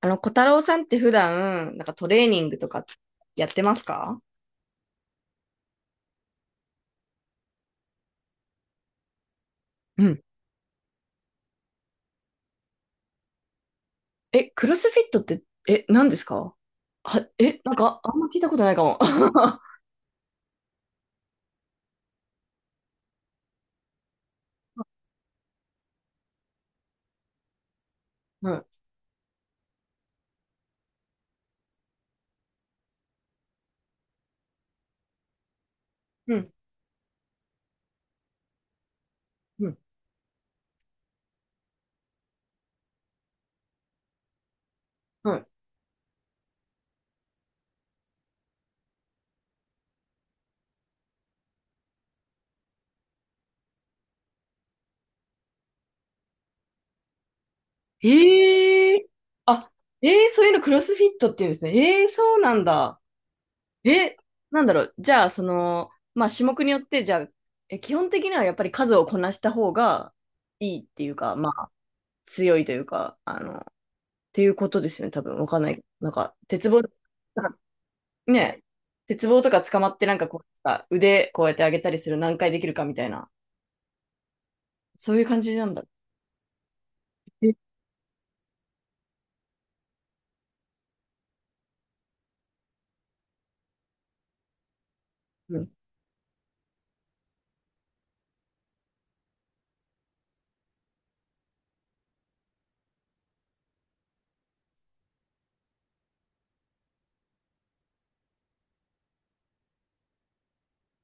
小太郎さんって普段、なんかトレーニングとかやってますか？うん。え、クロスフィットって、何ですか？なんか、あんま聞いたことないかも。はい。うん、うん、はい。あ、そういうのクロスフィットって言うんですね。えー、そうなんだ。え、なんだろう。じゃあ、まあ、種目によって、じゃあ、基本的にはやっぱり数をこなした方がいいっていうか、まあ、強いというか、ていうことですよね、多分。わかんない。なんか、鉄棒、なんかね、鉄棒とか捕まってなんかこうさ、腕こうやって上げたりする何回できるかみたいな、そういう感じなんだ。え、うん、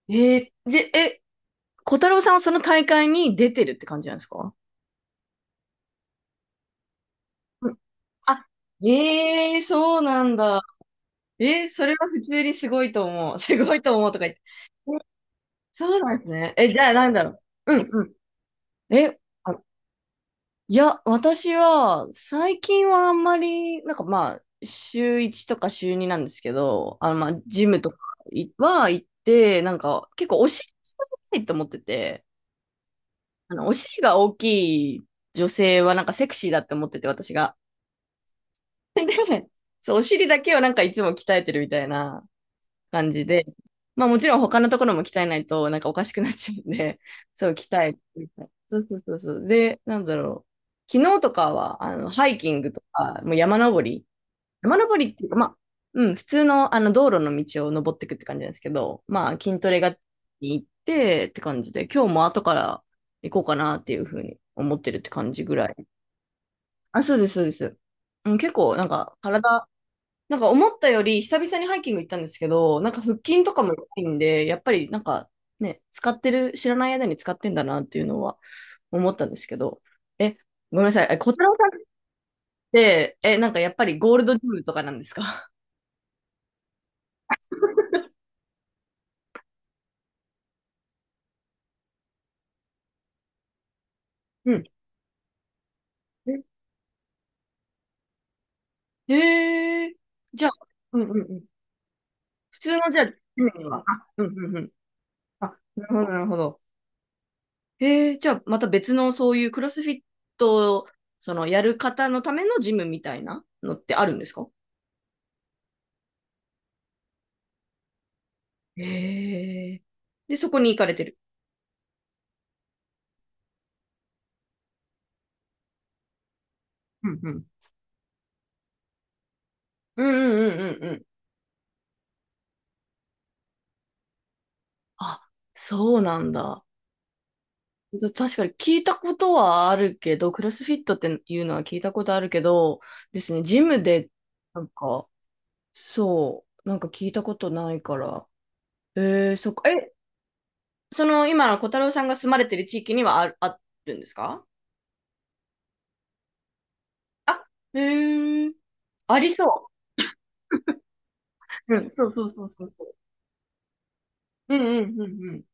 えーで、え、小太郎さんはその大会に出てるって感じなんですか？うん。あ、ええー、そうなんだ。えー、それは普通にすごいと思う。すごいと思うとか言って。え、そうなんですね。え、じゃあなんだろう。うんうん。え、あ、いや、私は、最近はあんまり、なんかまあ、週1とか週2なんですけど、まあ、ジムとかは行って、なんか、結構お尻鍛えたいと思ってて、お尻が大きい女性はなんかセクシーだって思ってて、私が。そう、お尻だけをなんかいつも鍛えてるみたいな感じで、まあもちろん他のところも鍛えないとなんかおかしくなっちゃうんで、そう、鍛えてみたい。そうそうそうそう。で、なんだろう。昨日とかは、ハイキングとか、もう山登り。山登りっていうか、まあ、うん、普通の、道路の道を登っていくって感じなんですけど、まあ、筋トレが行ってって感じで、今日も後から行こうかなっていうふうに思ってるって感じぐらい。あ、そうです、そうです。うん、結構、なんか、体、なんか思ったより久々にハイキング行ったんですけど、なんか腹筋とかもいいんで、やっぱりなんかね、使ってる、知らない間に使ってんだなっていうのは思ったんですけど、え、ごめんなさい、え、小太郎さんって、なんかやっぱりゴールドジムとかなんですか？うん。え、へえ。じゃあ、うんうんうん。普通のじゃあ、ジムには、あ、うんうんうん。あ、なるほど、なるほど。えー、じゃあまた別のそういうクロスフィットを、そのやる方のためのジムみたいなのってあるんですか？ええ。で、そこに行かれてる。うんうん。うんうんうんうんうん。あ、そうなんだ。だ確かに聞いたことはあるけど、クロスフィットっていうのは聞いたことあるけど、ですね、ジムで、なんか、そう、なんか聞いたことないから。えー、そっか。え、その、今の小太郎さんが住まれてる地域にはある、あるんですか？あ、えー、ありそう。うん、そうそうそうそうそう。うんうんうんうん。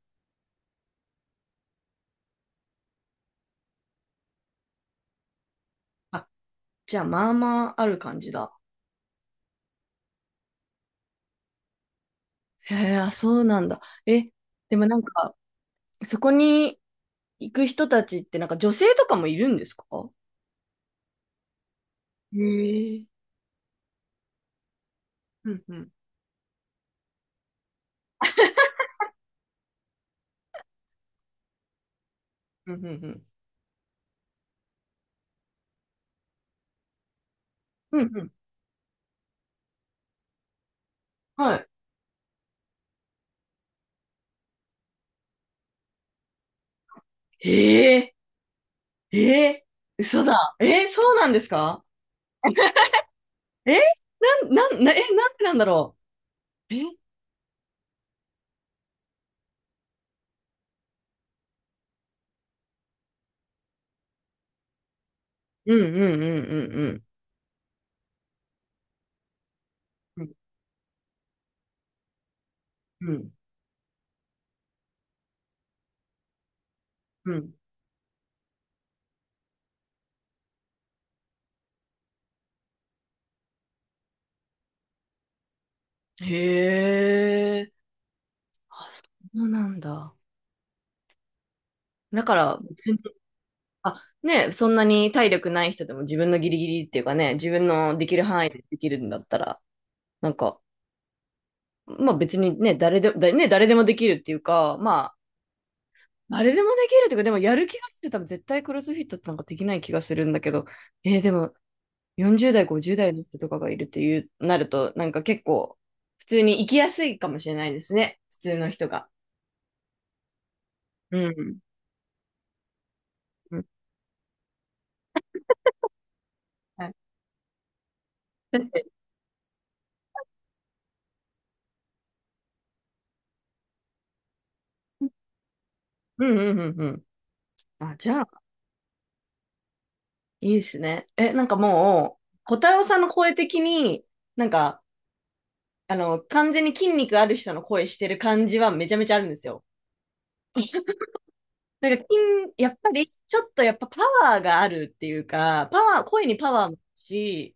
あ、じゃあ、まあまあある感じだ。へえ、あ、そうなんだ。え、でもなんか、そこに行く人たちって、なんか女性とかもいるんですか？へえ。うんうん。うんうんうん。うんうん。はい。へえ、ええ、嘘だ。え、そうなんですか？え、なんでなんだろう。え、うんうんうんうんうんうん。うんうん。へえ、あ、そうなんだ。だから、別、あ、ね、そんなに体力ない人でも自分のギリギリっていうかね、自分のできる範囲でできるんだったら、なんか、まあ別にね、誰でも、だね、誰でもできるっていうか、まあ、誰でもできるっていうか、でもやる気がして多分絶対クロスフィットってなんかできない気がするんだけど、えーでも40代、50代の人とかがいるっていう、なると、なんか結構、普通に生きやすいかもしれないですね、普通の人が。うん。うん。はい。だって。うんうんうんうん。あ、じゃあ、いいですね。え、なんかもう、小太郎さんの声的に、なんか、完全に筋肉ある人の声してる感じはめちゃめちゃあるんですよ。なんか筋、やっぱり、ちょっとやっぱパワーがあるっていうか、パワー、声にパワーもあるし、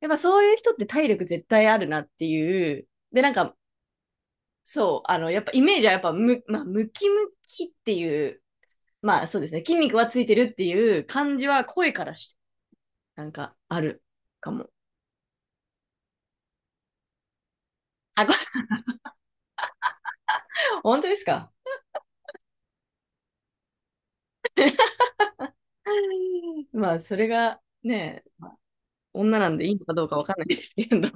やっぱそういう人って体力絶対あるなっていう。で、なんか、そう、やっぱイメージはやっぱむ、まあ、ムキムキっていう、まあそうですね、筋肉はついてるっていう感じは声からして、なんかあるかも。あ、これ、本当ですか？ まあ、それがね、女なんでいいのかどうかわかんないですけど。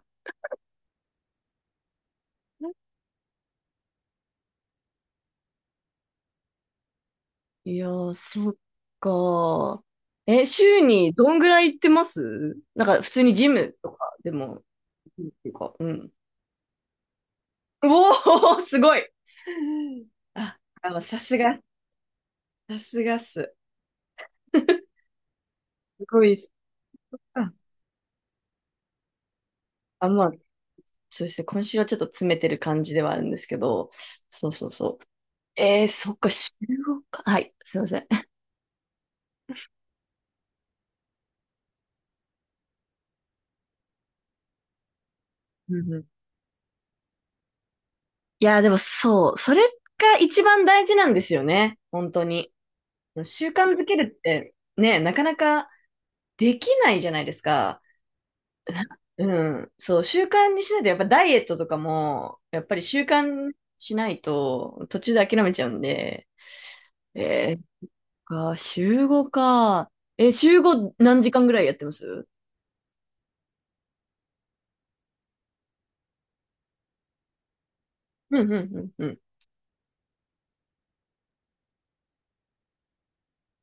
いやー、そっか。え、週にどんぐらい行ってます、なんか、普通にジムとかでも、っていうか、うん。おお、すごい。あ、さすが、さすがっす。すごいっす。あ、あ、まあ、そうですね。今週はちょっと詰めてる感じではあるんですけど、そうそうそう。えー、そっか、週ごか。はい、すいません。うんうん。いや、でもそう、それが一番大事なんですよね。本当に。習慣づけるって、ね、なかなかできないじゃないですか。うん。そう、習慣にしないと、やっぱダイエットとかも、やっぱり習慣しないと、途中で諦めちゃうんで、えー、か、週5か。え、週5何時間ぐらいやってます？うんうんうんうん。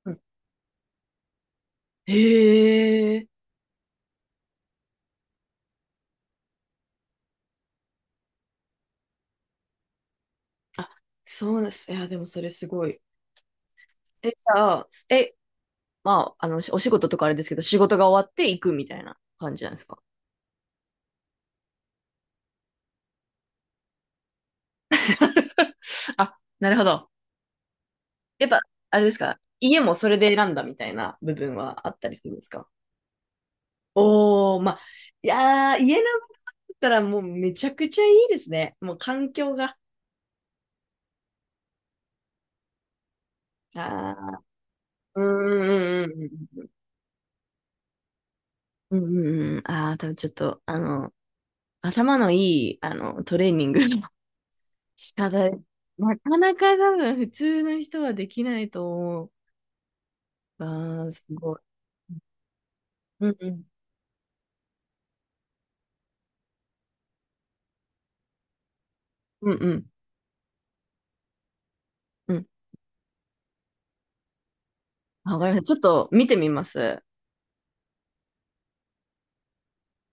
うん、へえ。あ、そうなんです。いや、でもそれすごい。え、じゃあ、え、まあ、お仕事とかあれですけど、仕事が終わって行くみたいな感じなんですか？ あ、なるほど。やっぱ、あれですか、家もそれで選んだみたいな部分はあったりするんですか？おー、まあ、いやー、家なんだったらもうめちゃくちゃいいですね。もう環境が。あー、うんうんうんうん。うんうんうん。ああ多分ちょっと、頭のいい、トレーニングの 仕方、なかなか多分普通の人はできないと思う。ああ、すごい。うんうんうんうん。うん。わかりました。ちょっと見てみます。